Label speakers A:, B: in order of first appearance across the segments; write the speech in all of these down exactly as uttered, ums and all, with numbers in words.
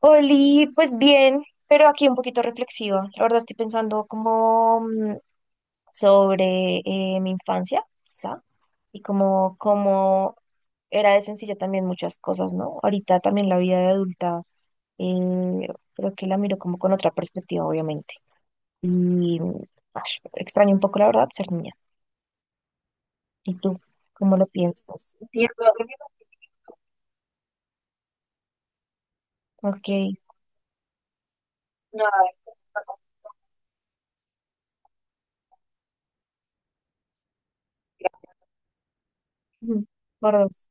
A: Oli, pues bien, pero aquí un poquito reflexiva. La verdad estoy pensando como mm, sobre eh, mi infancia, quizá, y como, como era de sencilla también muchas cosas, ¿no? Ahorita también la vida de adulta, eh, creo que la miro como con otra perspectiva, obviamente. Y mm, ash, extraño un poco, la verdad, ser niña. ¿Y tú cómo lo piensas? Ok. Ujú. Por dos.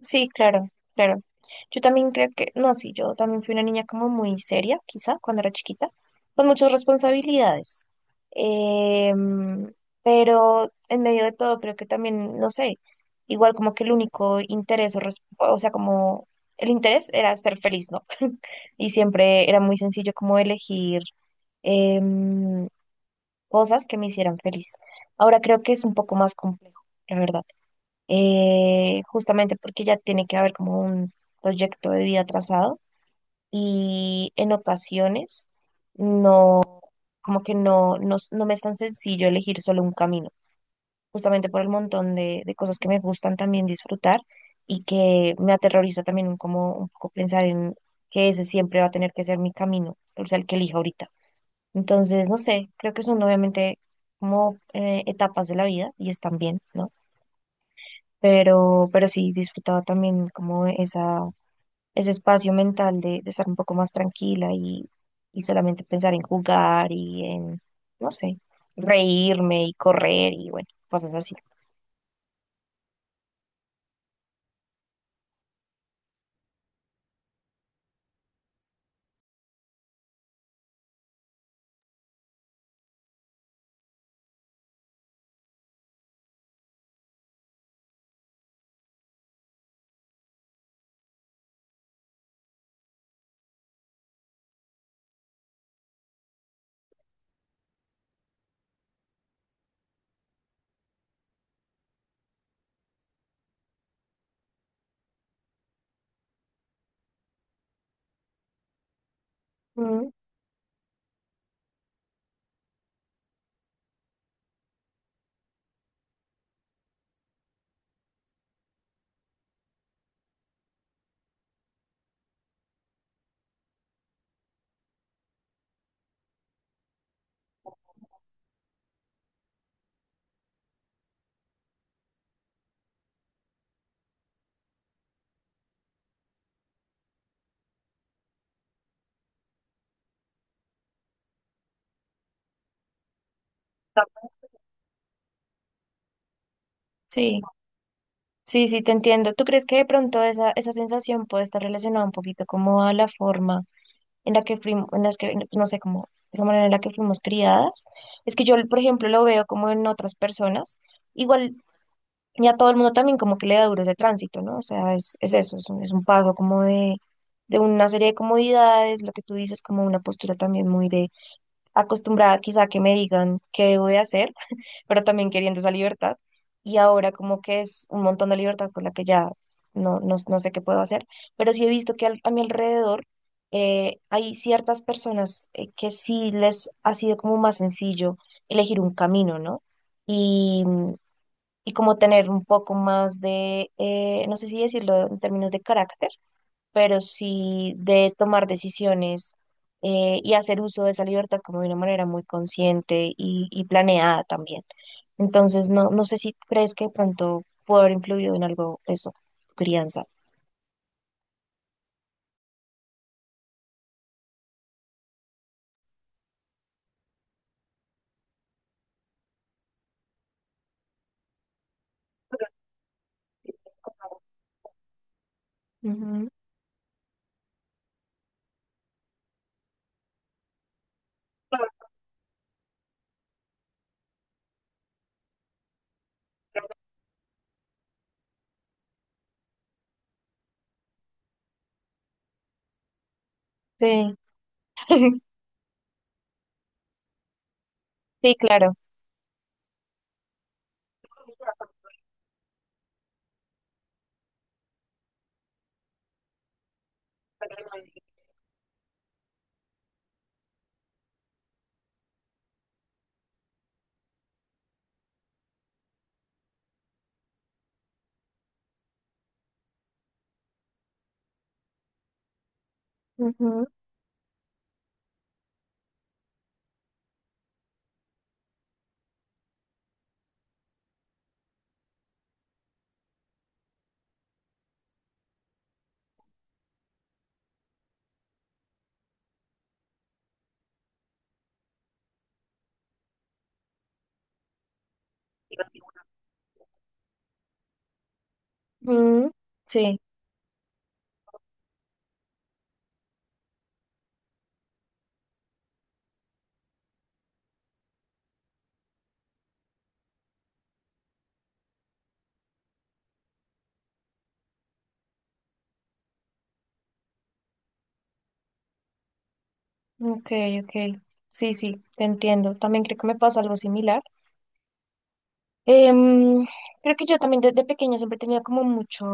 A: Sí, claro, claro. Yo también creo que, no, sí, yo también fui una niña como muy seria, quizá, cuando era chiquita, con muchas responsabilidades. Em, pero en medio de todo, creo que también, no sé, igual como que el único interés, o, res- o sea, como el interés era estar feliz, ¿no? Y siempre era muy sencillo como elegir em, cosas que me hicieran feliz. Ahora creo que es un poco más complejo, la verdad. eh, justamente porque ya tiene que haber como un proyecto de vida trazado y en ocasiones no, como que no, no, no me es tan sencillo elegir solo un camino, justamente por el montón de, de cosas que me gustan también disfrutar y que me aterroriza también como un poco pensar en que ese siempre va a tener que ser mi camino, o sea, el que elija ahorita. Entonces, no sé, creo que son obviamente como eh, etapas de la vida y están bien, ¿no? pero, pero sí disfrutaba también como esa, ese espacio mental de, de estar un poco más tranquila y, y solamente pensar en jugar y en, no sé, reírme y correr y bueno, cosas así. Mm, sí, sí, sí, te entiendo. ¿Tú crees que de pronto esa, esa sensación puede estar relacionada un poquito como a la forma en la que fuimos, en las que, no sé, como la manera en la que fuimos criadas? Es que yo, por ejemplo, lo veo como en otras personas. Igual. Y a todo el mundo también como que le da duro ese tránsito, ¿no? O sea, es, es eso, es un, es un paso como de, de una serie de comodidades, lo que tú dices como una postura también muy de acostumbrada quizá a que me digan qué debo de hacer, pero también queriendo esa libertad. Y ahora como que es un montón de libertad con la que ya no, no, no sé qué puedo hacer, pero sí he visto que al- a mi alrededor eh, hay ciertas personas eh, que sí les ha sido como más sencillo elegir un camino, ¿no? y como tener un poco más de, eh, no sé si decirlo en términos de carácter, pero sí de tomar decisiones eh, y hacer uso de esa libertad como de una manera muy consciente y, y planeada también. Entonces, no, no sé si crees que de pronto puede haber influido en algo eso, tu crianza. Ujú. Sí. Sí, claro. Ujú. Mm, sí. Ok, ok. Sí, sí, te entiendo. También creo que me pasa algo similar. Em, creo que yo también desde pequeña siempre he tenido como mucho,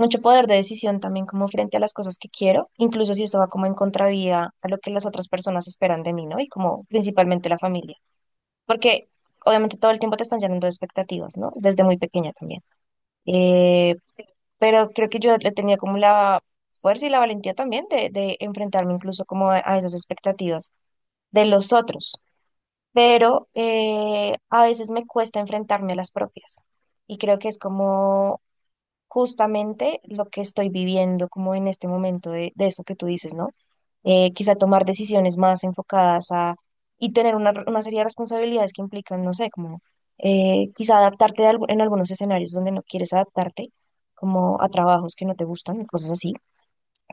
A: mucho poder de decisión también como frente a las cosas que quiero, incluso si eso va como en contravía a lo que las otras personas esperan de mí, ¿no? Y como principalmente la familia, porque obviamente todo el tiempo te están llenando de expectativas, ¿no? Desde muy pequeña también. Eh, pero creo que yo le tenía como la fuerza y la valentía también de, de enfrentarme incluso como a a esas expectativas de los otros pero eh, a veces me cuesta enfrentarme a las propias. Y creo que es como justamente lo que estoy viviendo como en este momento de, de eso que tú dices, ¿no? Eh, quizá tomar decisiones más enfocadas a y tener una, re- una serie de responsabilidades que implican, no sé, como eh, quizá adaptarte de algu- en algunos escenarios donde no quieres adaptarte, como a trabajos que no te gustan, cosas así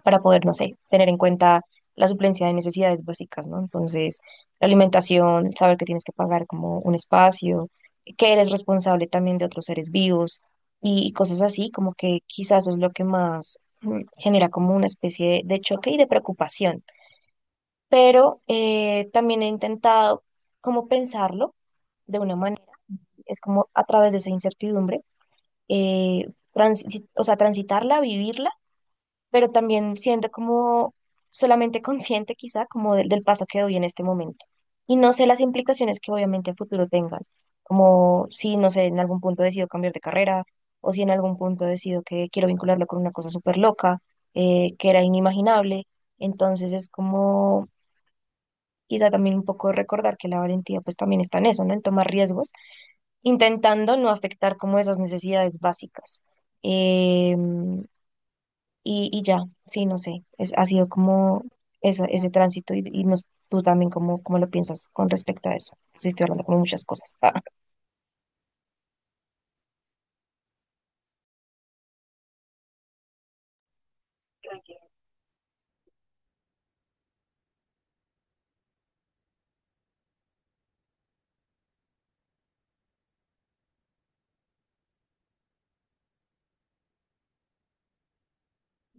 A: para poder, no sé, tener en cuenta la suplencia de necesidades básicas, ¿no? Entonces, la alimentación, saber que tienes que pagar como un espacio, que eres responsable también de otros seres vivos y, y cosas así, como que quizás es lo que más mm, genera como una especie de, de choque y de preocupación. Pero eh, también he intentado como pensarlo de una manera, es como a través de esa incertidumbre, eh, transi- o sea, transitarla, vivirla pero también siendo como solamente consciente quizá como del, del paso que doy en este momento. Y no sé las implicaciones que obviamente a futuro tengan, como si, no sé, en algún punto decido cambiar de carrera o si en algún punto decido que quiero vincularlo con una cosa súper loca, eh, que era inimaginable. Entonces es como quizá también un poco recordar que la valentía pues también está en eso, ¿no? En tomar riesgos, intentando no afectar como esas necesidades básicas. Em, y, y ya, sí, no sé, es, ha sido como eso, ese tránsito y, y nos, tú también cómo, cómo lo piensas con respecto a eso. Sí, estoy hablando como muchas cosas. Ah.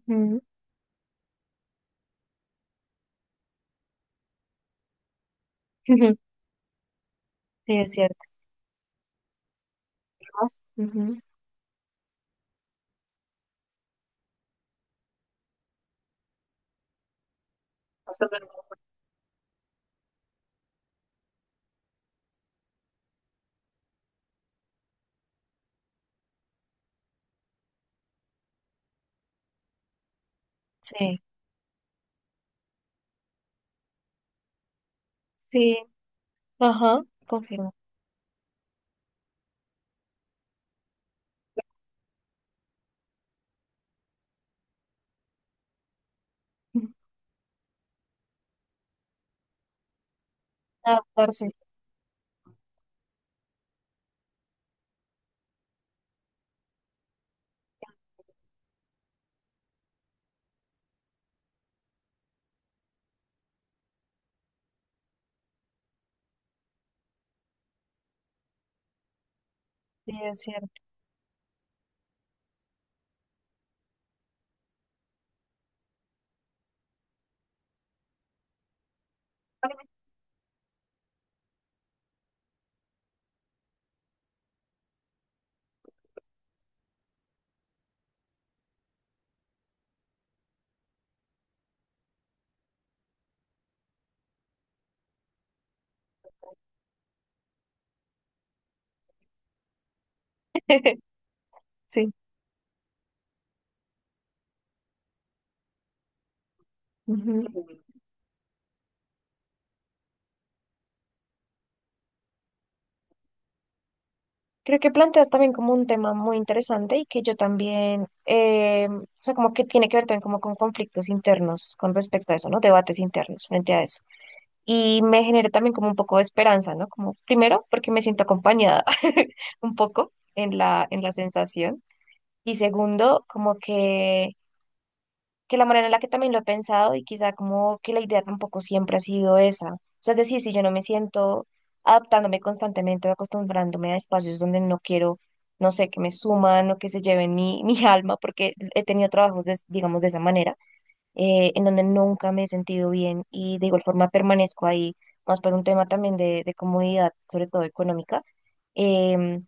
A: Ujú. Sí, es cierto. Ujú. Sí, sí, ajá, confirmo. Adaptarse, sí, es cierto. Sí. Ujú. Creo que planteas también como un tema muy interesante y que yo también, eh, o sea, como que tiene que ver también como con conflictos internos con respecto a eso, ¿no? Debates internos frente a eso. Y me generó también como un poco de esperanza, ¿no? Como primero, porque me siento acompañada un poco en la, en la, sensación y segundo, como que, que la manera en la que también lo he pensado y quizá como que la idea tampoco siempre ha sido esa. O sea, es decir, si yo no me siento adaptándome constantemente o acostumbrándome a espacios donde no quiero, no sé, que me suman o que se lleven mi, mi alma, porque he tenido trabajos, de- digamos, de esa manera eh, en donde nunca me he sentido bien y de igual forma permanezco ahí, más por un tema también de, de comodidad, sobre todo económica. em,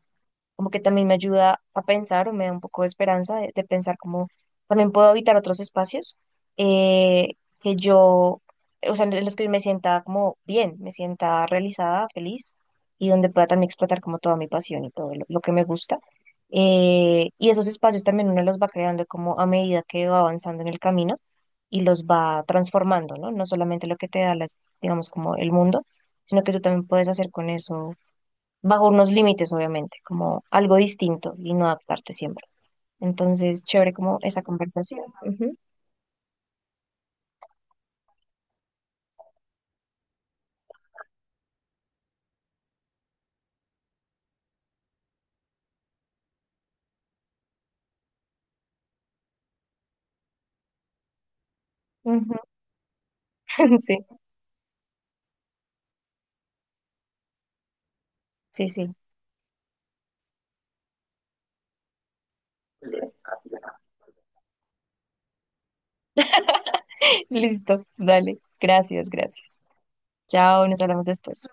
A: como que también me ayuda a pensar o me da un poco de esperanza de, de pensar cómo también puedo habitar otros espacios eh, que yo, o sea, en los que me sienta como bien, me sienta realizada, feliz y donde pueda también explotar como toda mi pasión y todo lo, lo que me gusta. Eh, y esos espacios también uno los va creando como a medida que va avanzando en el camino y los va transformando, ¿no? No solamente lo que te da las, digamos, como el mundo, sino que tú también puedes hacer con eso bajo unos límites, obviamente, como algo distinto y no adaptarte siempre. Entonces, chévere como esa conversación. Ujú, ujú. Sí, sí, sí. Listo, dale. Gracias, gracias. Chao, nos hablamos después.